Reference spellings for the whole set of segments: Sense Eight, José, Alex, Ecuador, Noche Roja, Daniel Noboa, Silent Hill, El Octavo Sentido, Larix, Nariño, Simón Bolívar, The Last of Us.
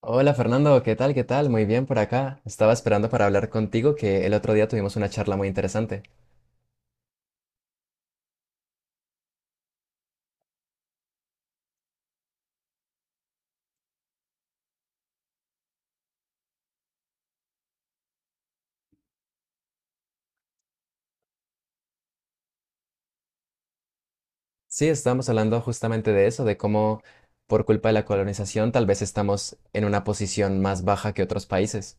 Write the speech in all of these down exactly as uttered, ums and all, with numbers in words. Hola Fernando, ¿qué tal? ¿Qué tal? Muy bien por acá. Estaba esperando para hablar contigo que el otro día tuvimos una charla muy interesante. Sí, estábamos hablando justamente de eso, de cómo por culpa de la colonización tal vez estamos en una posición más baja que otros países.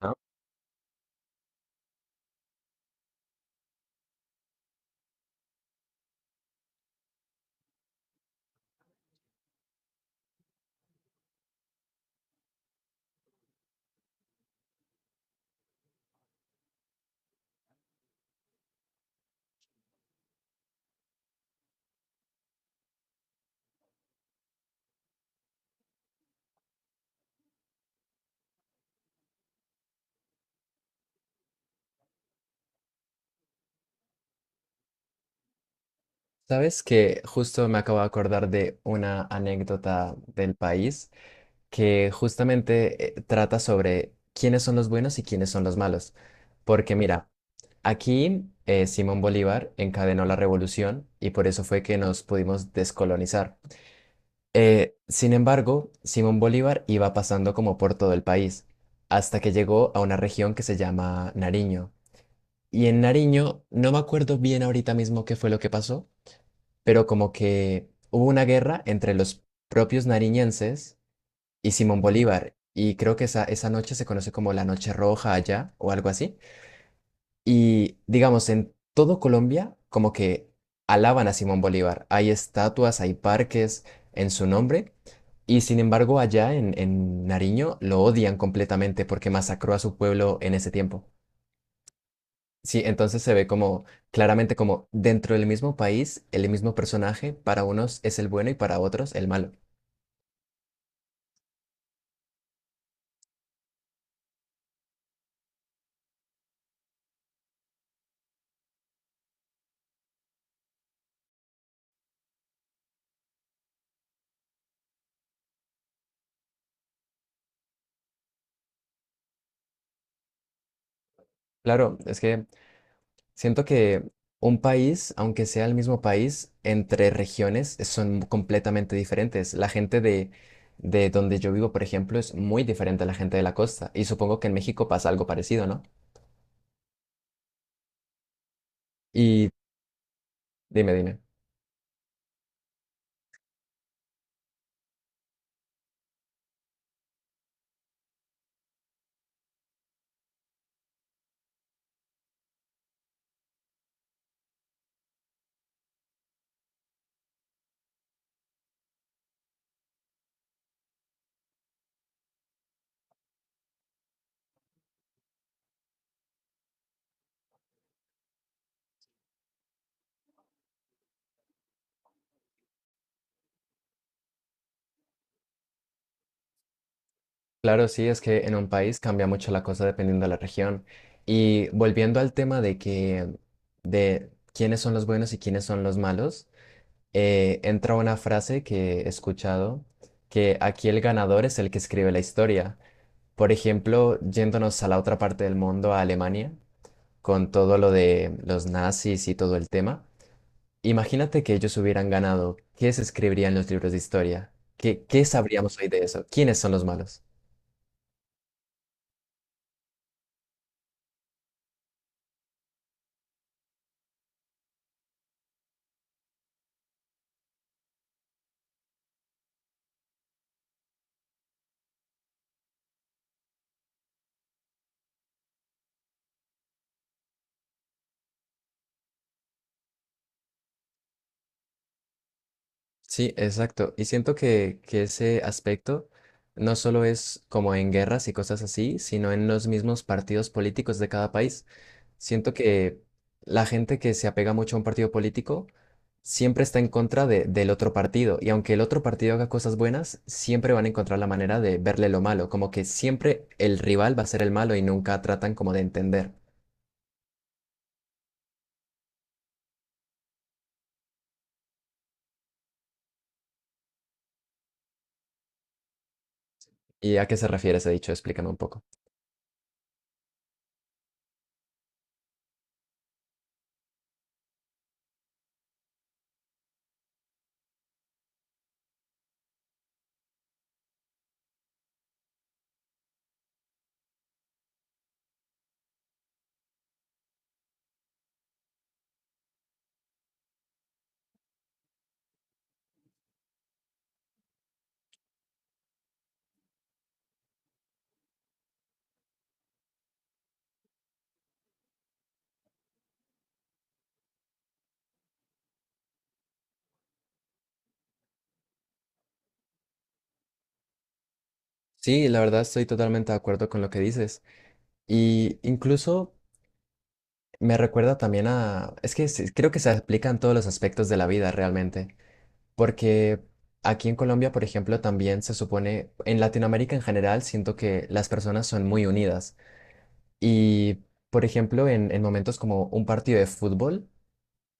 Ah. Sabes que justo me acabo de acordar de una anécdota del país que justamente eh, trata sobre quiénes son los buenos y quiénes son los malos. Porque mira, aquí eh, Simón Bolívar encadenó la revolución y por eso fue que nos pudimos descolonizar. Eh, sin embargo, Simón Bolívar iba pasando como por todo el país, hasta que llegó a una región que se llama Nariño. Y en Nariño, no me acuerdo bien ahorita mismo qué fue lo que pasó, pero como que hubo una guerra entre los propios nariñenses y Simón Bolívar. Y creo que esa, esa noche se conoce como la Noche Roja allá o algo así. Y digamos, en todo Colombia, como que alaban a Simón Bolívar. Hay estatuas, hay parques en su nombre. Y sin embargo, allá en, en Nariño lo odian completamente porque masacró a su pueblo en ese tiempo. Sí, entonces se ve como claramente como dentro del mismo país, el mismo personaje, para unos es el bueno y para otros el malo. Claro, es que siento que un país, aunque sea el mismo país, entre regiones son completamente diferentes. La gente de, de donde yo vivo, por ejemplo, es muy diferente a la gente de la costa. Y supongo que en México pasa algo parecido, ¿no? Y dime, dime. Claro, sí, es que en un país cambia mucho la cosa dependiendo de la región. Y volviendo al tema de que, de quiénes son los buenos y quiénes son los malos, eh, entra una frase que he escuchado, que aquí el ganador es el que escribe la historia. Por ejemplo, yéndonos a la otra parte del mundo, a Alemania, con todo lo de los nazis y todo el tema, imagínate que ellos hubieran ganado, ¿qué se escribiría en los libros de historia? ¿Qué, qué sabríamos hoy de eso? ¿Quiénes son los malos? Sí, exacto. Y siento que, que ese aspecto no solo es como en guerras y cosas así, sino en los mismos partidos políticos de cada país. Siento que la gente que se apega mucho a un partido político siempre está en contra de- del otro partido y aunque el otro partido haga cosas buenas, siempre van a encontrar la manera de verle lo malo, como que siempre el rival va a ser el malo y nunca tratan como de entender. ¿Y a qué se refiere ese dicho? Explícame un poco. Sí, la verdad estoy totalmente de acuerdo con lo que dices y incluso me recuerda también a... Es que sí, creo que se aplica en todos los aspectos de la vida realmente. Porque aquí en Colombia, por ejemplo, también se supone, en Latinoamérica en general, siento que las personas son muy unidas. Y, por ejemplo, en, en momentos como un partido de fútbol,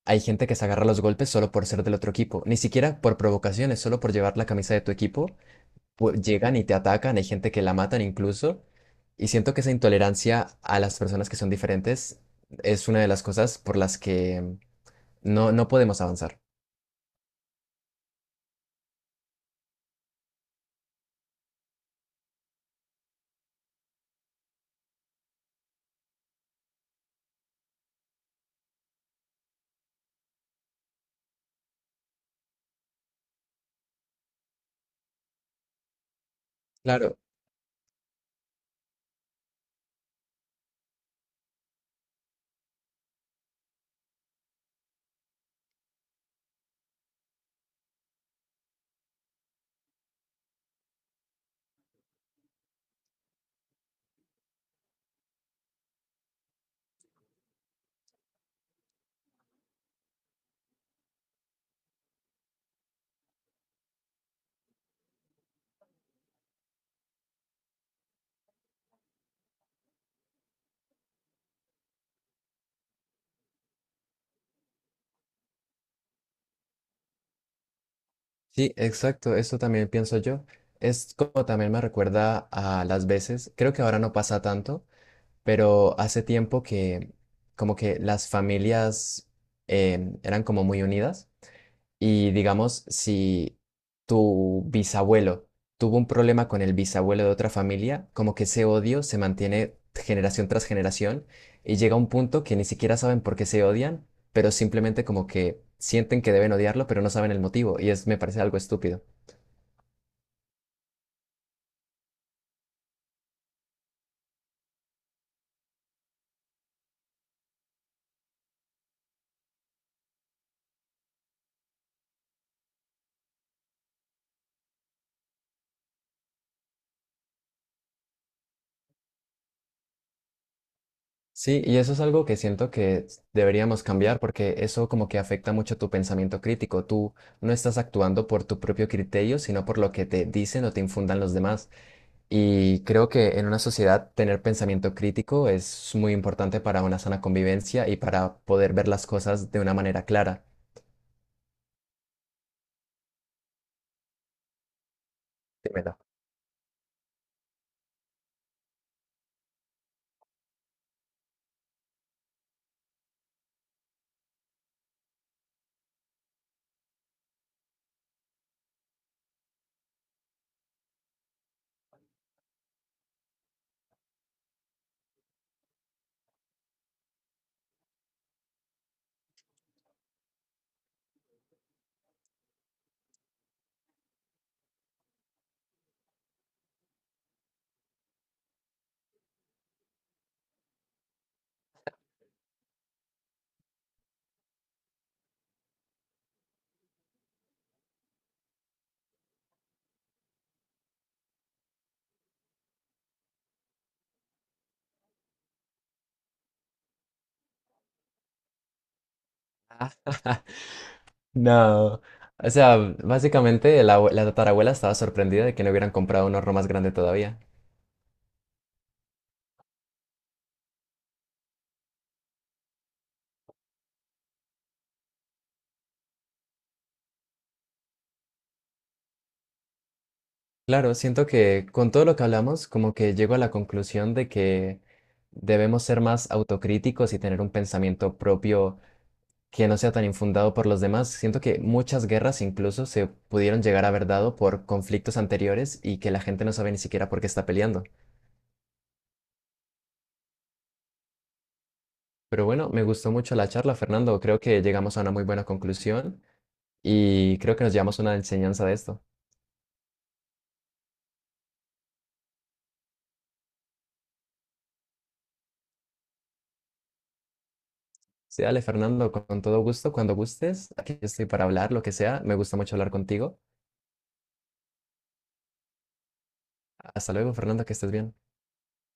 hay gente que se agarra a los golpes solo por ser del otro equipo, ni siquiera por provocaciones, solo por llevar la camisa de tu equipo, pu- llegan y te atacan, hay gente que la matan incluso. Y siento que esa intolerancia a las personas que son diferentes es una de las cosas por las que no, no podemos avanzar. Claro. Sí, exacto, eso también pienso yo. Es como también me recuerda a las veces, creo que ahora no pasa tanto, pero hace tiempo que como que las familias eh, eran como muy unidas y digamos, si tu bisabuelo tuvo un problema con el bisabuelo de otra familia, como que ese odio se mantiene generación tras generación y llega un punto que ni siquiera saben por qué se odian, pero simplemente como que sienten que deben odiarlo, pero no saben el motivo y es, me parece algo estúpido. Sí, y eso es algo que siento que deberíamos cambiar porque eso como que afecta mucho tu pensamiento crítico. Tú no estás actuando por tu propio criterio, sino por lo que te dicen o te infundan los demás. Y creo que en una sociedad tener pensamiento crítico es muy importante para una sana convivencia y para poder ver las cosas de una manera clara. Dímelo. No. O sea, básicamente la, abue- la tatarabuela estaba sorprendida de que no hubieran comprado un horno más grande todavía. Claro, siento que con todo lo que hablamos, como que llego a la conclusión de que debemos ser más autocríticos y tener un pensamiento propio que no sea tan infundado por los demás. Siento que muchas guerras incluso se pudieron llegar a haber dado por conflictos anteriores y que la gente no sabe ni siquiera por qué está peleando. Pero bueno, me gustó mucho la charla, Fernando. Creo que llegamos a una muy buena conclusión y creo que nos llevamos una enseñanza de esto. Sí, dale, Fernando, con con todo gusto, cuando gustes. Aquí estoy para hablar, lo que sea. Me gusta mucho hablar contigo. Hasta luego, Fernando, que estés bien.